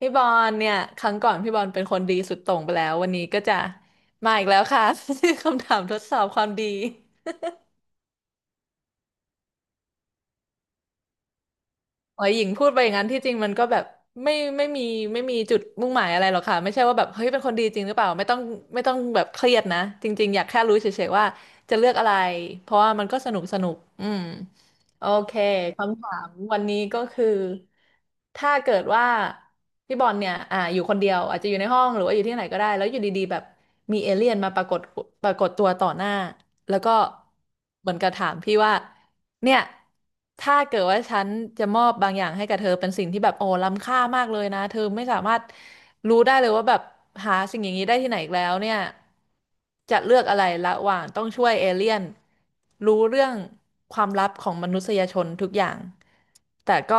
พี่บอลเนี่ยครั้งก่อนพี่บอลเป็นคนดีสุดโต่งไปแล้ววันนี้ก็จะมาอีกแล้วค่ะ คำถามทดสอบความดีโอ้ยหญิงพูดไปอย่างนั้นที่จริงมันก็แบบไม่ไม่มีไม่มีจุดมุ่งหมายอะไรหรอกค่ะไม่ใช่ว่าแบบเฮ้ยเป็นคนดีจริงหรือเปล่าไม่ต้องแบบเครียดนะจริงๆอยากแค่รู้เฉยๆว่าจะเลือกอะไรเพราะว่ามันก็สนุกสนุกอืม โอเคคำถามวันนี้ก็คือ ถ้าเกิดว่าพี่บอลเนี่ยอยู่คนเดียว อาจจะอยู่ในห้องหรือว่าอยู่ที่ไหนก็ได้ แล้วอยู่ดีๆแบบมีเอเลี่ยนมาปรากฏปรากฏตัวต่อหน้าแล้วก็เหมือนกับถามพี่ว่าเนี่ยถ้าเกิดว่าฉันจะมอบบางอย่างให้กับเธอเป็นสิ่งที่แบบโอ้ล้ำค่ามากเลยนะ เธอไม่สามารถรู้ได้เลยว่าแบบหาสิ่งอย่างนี้ได้ที่ไหนอีกแล้วเนี่ย จะเลือกอะไรระหว่างต้องช่วยเอเลี่ยนรู้เรื่องความลับของมนุษยชนทุกอย่างแต่ก็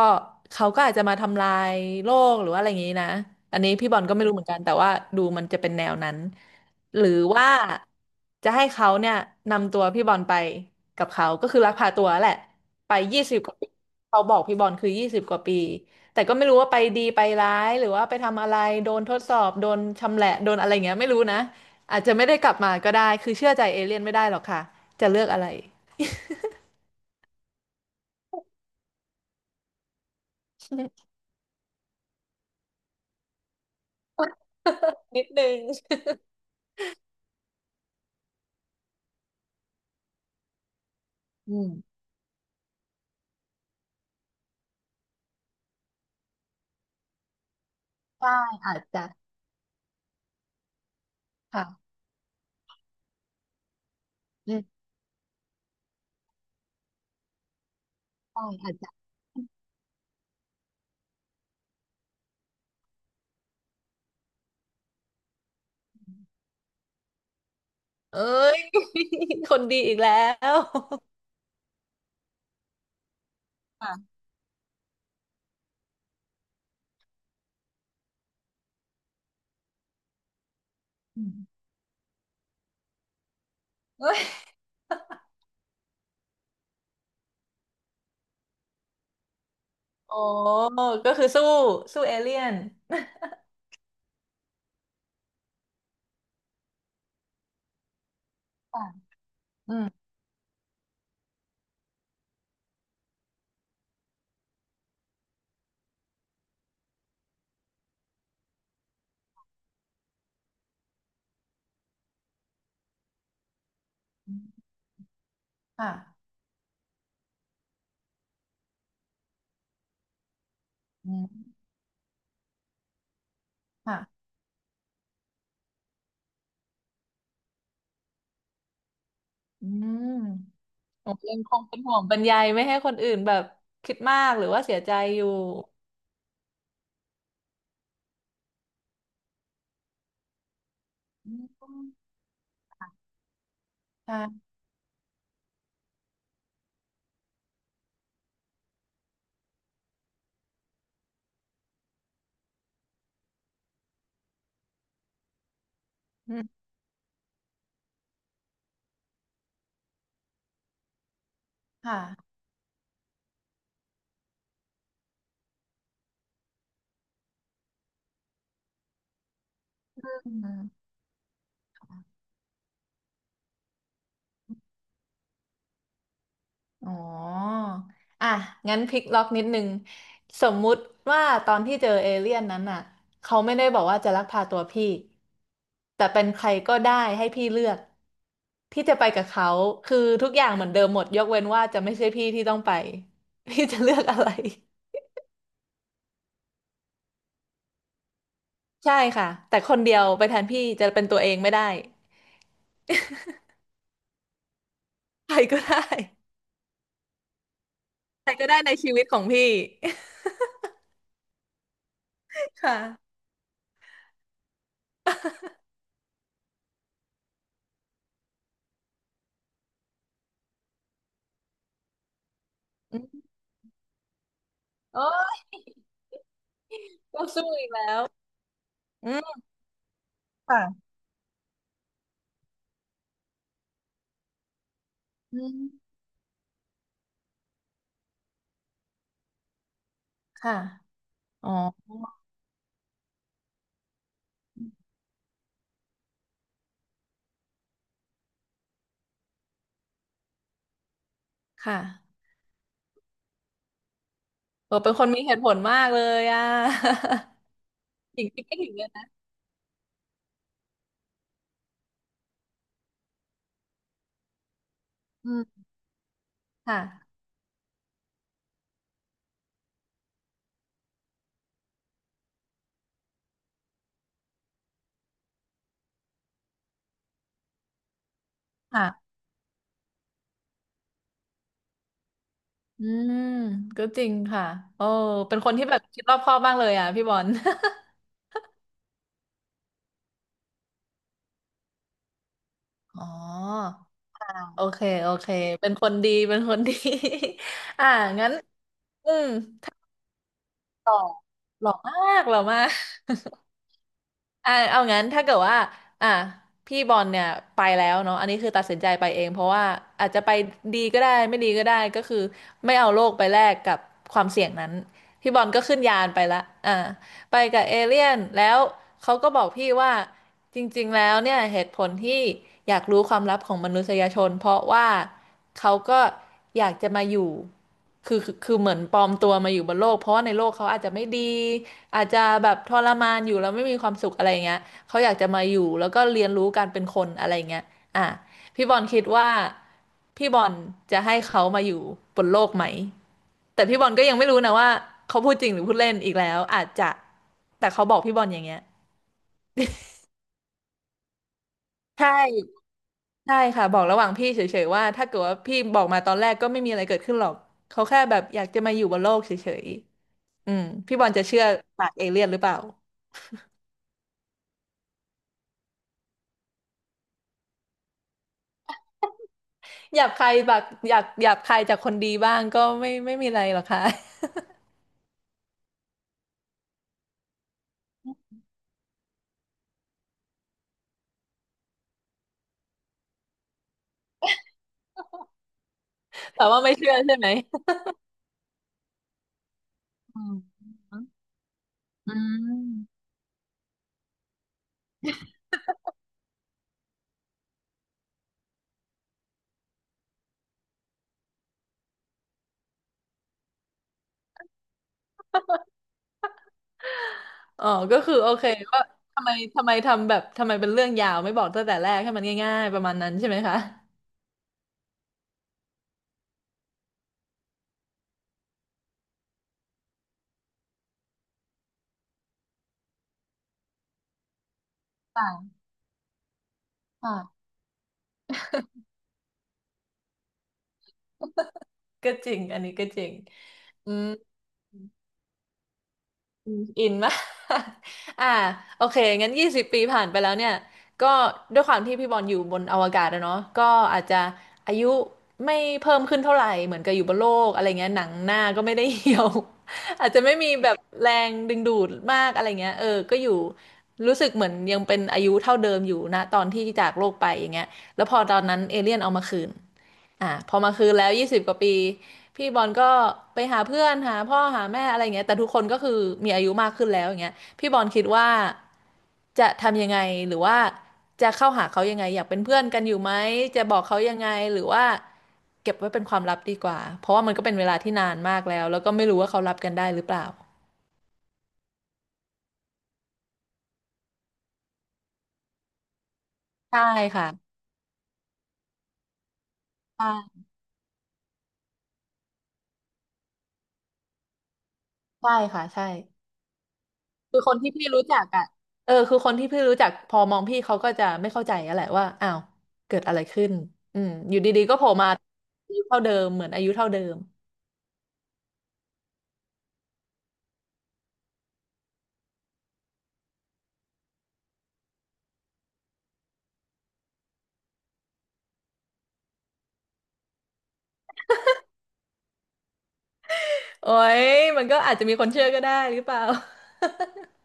เขาก็อาจจะมาทำลายโลกหรือว่าอะไรอย่างนี้นะอันนี้พี่บอลก็ไม่รู้เหมือนกันแต่ว่าดูมันจะเป็นแนวนั้นหรือว่าจะให้เขาเนี่ยนำตัวพี่บอลไปกับเขาก็คือลักพาตัวแหละไปยี่สิบกว่าปีเขาบอกพี่บอลคือยี่สิบกว่าปีแต่ก็ไม่รู้ว่าไปดีไปร้ายหรือว่าไปทำอะไรโดนทดสอบโดนชำแหละโดนอะไรอย่างเงี้ยไม่รู้นะ อาจจะไม่ได้กลับมาก็ได้คือเชื่อใจเอเลี่ยนไม่ได้หรอกค่ะจะเลือกอะไรอืมใช่อาจจะค่ะอืมใช่อาจจะเอ้ย คนดีอีกแล้วค่ะอืมเอ้ยโอ้ก็คือสู้เอเลี่ยนค่ะอืมค่ะค่ะอืมผมยังคงเป็นห่วงบรรยายไม่ให้คนอื่นแบบคิดมากหรือว่าเสียใจอยู่อืมค่ะอืมค่ะอืม อ๋ออ่ะงั้นพลิกล็อกนิดนึงสมมุติว่าตอนที่เจอเอเลี่ยนนั้นอ่ะเขาไม่ได้บอกว่าจะลักพาตัวพี่ แต่เป็นใครก็ได้ให้พี่เลือกพี่จะไปกับเขา คือทุกอย่างเหมือนเดิมหมดยกเว้นว่าจะไม่ใช่พี่ที่ต้องไป พี่จะเลือกอะไร ใช่ค่ะ แต่คนเดียวไปแทนพี่จะเป็นตัวเองไม่ได้ ใครก็ได้ใครก็ได้ในชีวิตของพี่ ค่ะอืมโอ้ยต้องสู้อีกแล้วอืมค่ะอืม ค่ะ อ๋อ ค่ะเออเป็นคนมีเหตุผลมากเลยอ่ะ ถิงคิดไม่ถึงเลยนะอืมค่ะค่ะอืมก็จริงค่ะโอ้เป็นคนที่แบบคิดรอบคอบมากเลยอ่ะพี่บอล อ๋ออ่าโอเค โอเค เป็นคนดี เป็นคนดี อ่างั้น อืมหล่อมากหล่อมาก อ่าเอางั้นถ้าเกิดว่าอ่าพี่บอลเนี่ยไปแล้วเนาะอันนี้คือตัดสินใจไปเองเพราะว่าอาจจะไปดีก็ได้ไม่ดีก็ได้ก็คือไม่เอาโลกไปแลกกับความเสี่ยงนั้นพี่บอลก็ขึ้นยานไปละอ่าไปกับเอเลี่ยนแล้วเขาก็บอกพี่ว่า จริงๆ แล้วเนี่ยเหตุผลที่อยากรู้ความลับของมนุษยชนเพราะว่าเขาก็อยากจะมาอยู่คือเหมือนปลอมตัวมาอยู่บนโลกเพราะว่าในโลกเขาอาจจะไม่ดีอาจจะแบบทรมานอยู่แล้วไม่มีความสุขอะไรเงี้ยเขาอยากจะมาอยู่แล้วก็เรียนรู้การเป็นคนอะไรเงี้ยอ่ะพี่บอลคิดว่าพี่บอลจะให้เขามาอยู่บนโลกไหมแต่พี่บอลก็ยังไม่รู้นะว่าเขาพูดจริงหรือพูดเล่นอีกแล้วอาจจะแต่เขาบอกพี่บอลอย่างเงี้ยใช่ ใช่ค่ะบอกระหว่างพี่เฉยๆว่าถ้าเกิดว่าพี่บอกมาตอนแรกก็ไม่มีอะไรเกิดขึ้นหรอกเขาแค่แบบอยากจะมาอยู่บนโลกเฉยๆอืมพี่บอลจะเชื่อปากเอเลี่ยนหรือเปล่าหยาบคายแบบอยากหยาบคายจากคนดีบ้างก็ไม่ไม่มีอะไรหรอกค่ะ แต่ว่าไม่เชื่อใช่ไหมอืมอืมอ๋อก็คือโอเคว่าทำไมทำไมทำแบบทำไมเป็นเรื่องยาวไม่บอกตั้งแต่แรกให้มันง่ายๆประมาณนั้นใช่ไหมคะค่ะค่ะก็จริงอันนี้ก็จริงอืม อืมอินมาก อ่า โอเคงั้น20 ปี ผ่านไปแล้วเนี่ย ก็ด้วยความที่พี่บอลอยู่บนอวกาศอะเนาะก็อาจจะ อายุไม่เพิ่มขึ้นเท่าไหร่เหมือนกับอยู่บนโลก อะไรเงี้ยหนังหน้าก็ไม่ได้เหี่ยว อาจจะไม่มีแบบแรงดึงดูดมาก อะไรเงี้ย เออ ก็อยู่ รู้สึกเหมือนยังเป็นอายุเท่าเดิมอยู่นะ ตอนที่จากโลกไป อย่างเงี้ย แล้วพอตอนนั้น เอเลี่ยนเอามาคืนพอมาคืนแล้วยี่สิบกว่าปี พี่บอลก็ไปหาเพื่อนหาพ่อหาแม่อะไรอย่างเงี้ยแต่ทุกคนก็คือมีอายุมากขึ้นแล้วอย่างเงี้ยพี่บอลคิดว่าจะทำยังไงหรือว่าจะเข้าหาเขายังไงอยากเป็นเพื่อนกันอยู่ไหมจะบอกเขายังไงหรือว่าเก็บไว้เป็นความลับดีกว่าเพราะว่ามันก็เป็นเวลาที่นานมากแล้วแล้วก็ไม่รู้ว่าเขารับกันได้หรือเปล่าใช่ค่ะใช่ใช่ค่ะใช่ คือคนที่พี่รู้จักอ่ะเออคือคนที่พี่รู้จักพอมองพี่เขาก็จะไม่เข้าใจอะแหละว่าอ้าวเกิดอะไรขึ้นอืมอยู่ดีๆก็โผล่มาอายุเท่าเดิมเหมือนอายุเท่าเดิมโอ้ยมันก็อาจจะมีคนเชื่อก็ได้หรือเปล่า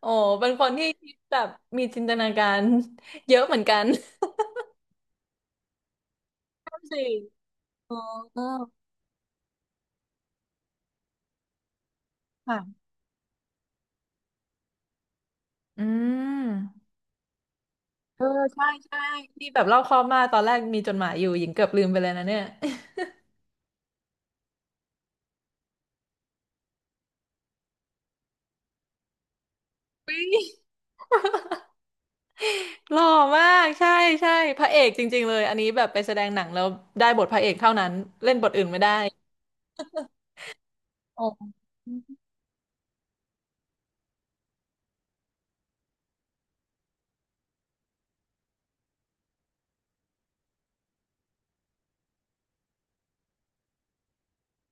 โอ้เป็นคนที่คิดแบบมีจินตนาการเยอะเหมือนกัน นั่นสิอ๋อค่ะอืมเออใช่ใช่ที่แบบเล่าข้อบมากตอนแรกมีจดหมายอยู่หญิงเกือบลืมไปเลยนะเนี่ย หล่อมากใช่ใช่พระเอกจริงๆเลยอันนี้แบบไปแสดงหนังแล้วได้บทพระเอกเท่านั้นเล่นบทอื่นไม่ได้โอ้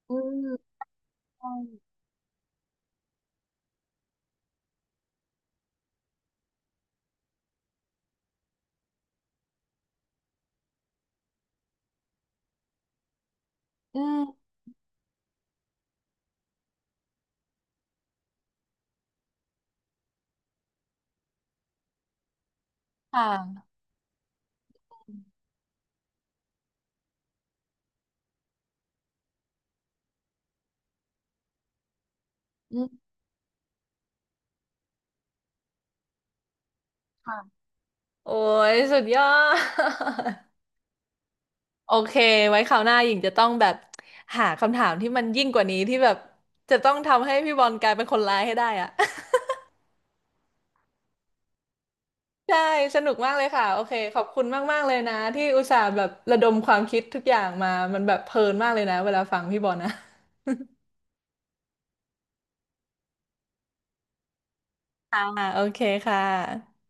อืมใช่อืมค่ะอืมค่ะโอ้ยสุดยอด โอเคไว้คราวหน้าหญิงจะต้องแบบหาคำถามที่มันยิ่งกว่านี้ที่แบบจะต้องทำให้พี่บอลกลายเป็นคนร้ายให้ได้อะ ใช่สนุกมากเลยค่ะโอเคขอบคุณมากๆเลยนะที่อุตส่าห์แบบระดมความคิดทุกอย่างมามันแบบเพลินมากเลยนะเวลาฟังพี่บอลนะ ค่ะโอเคค่ะ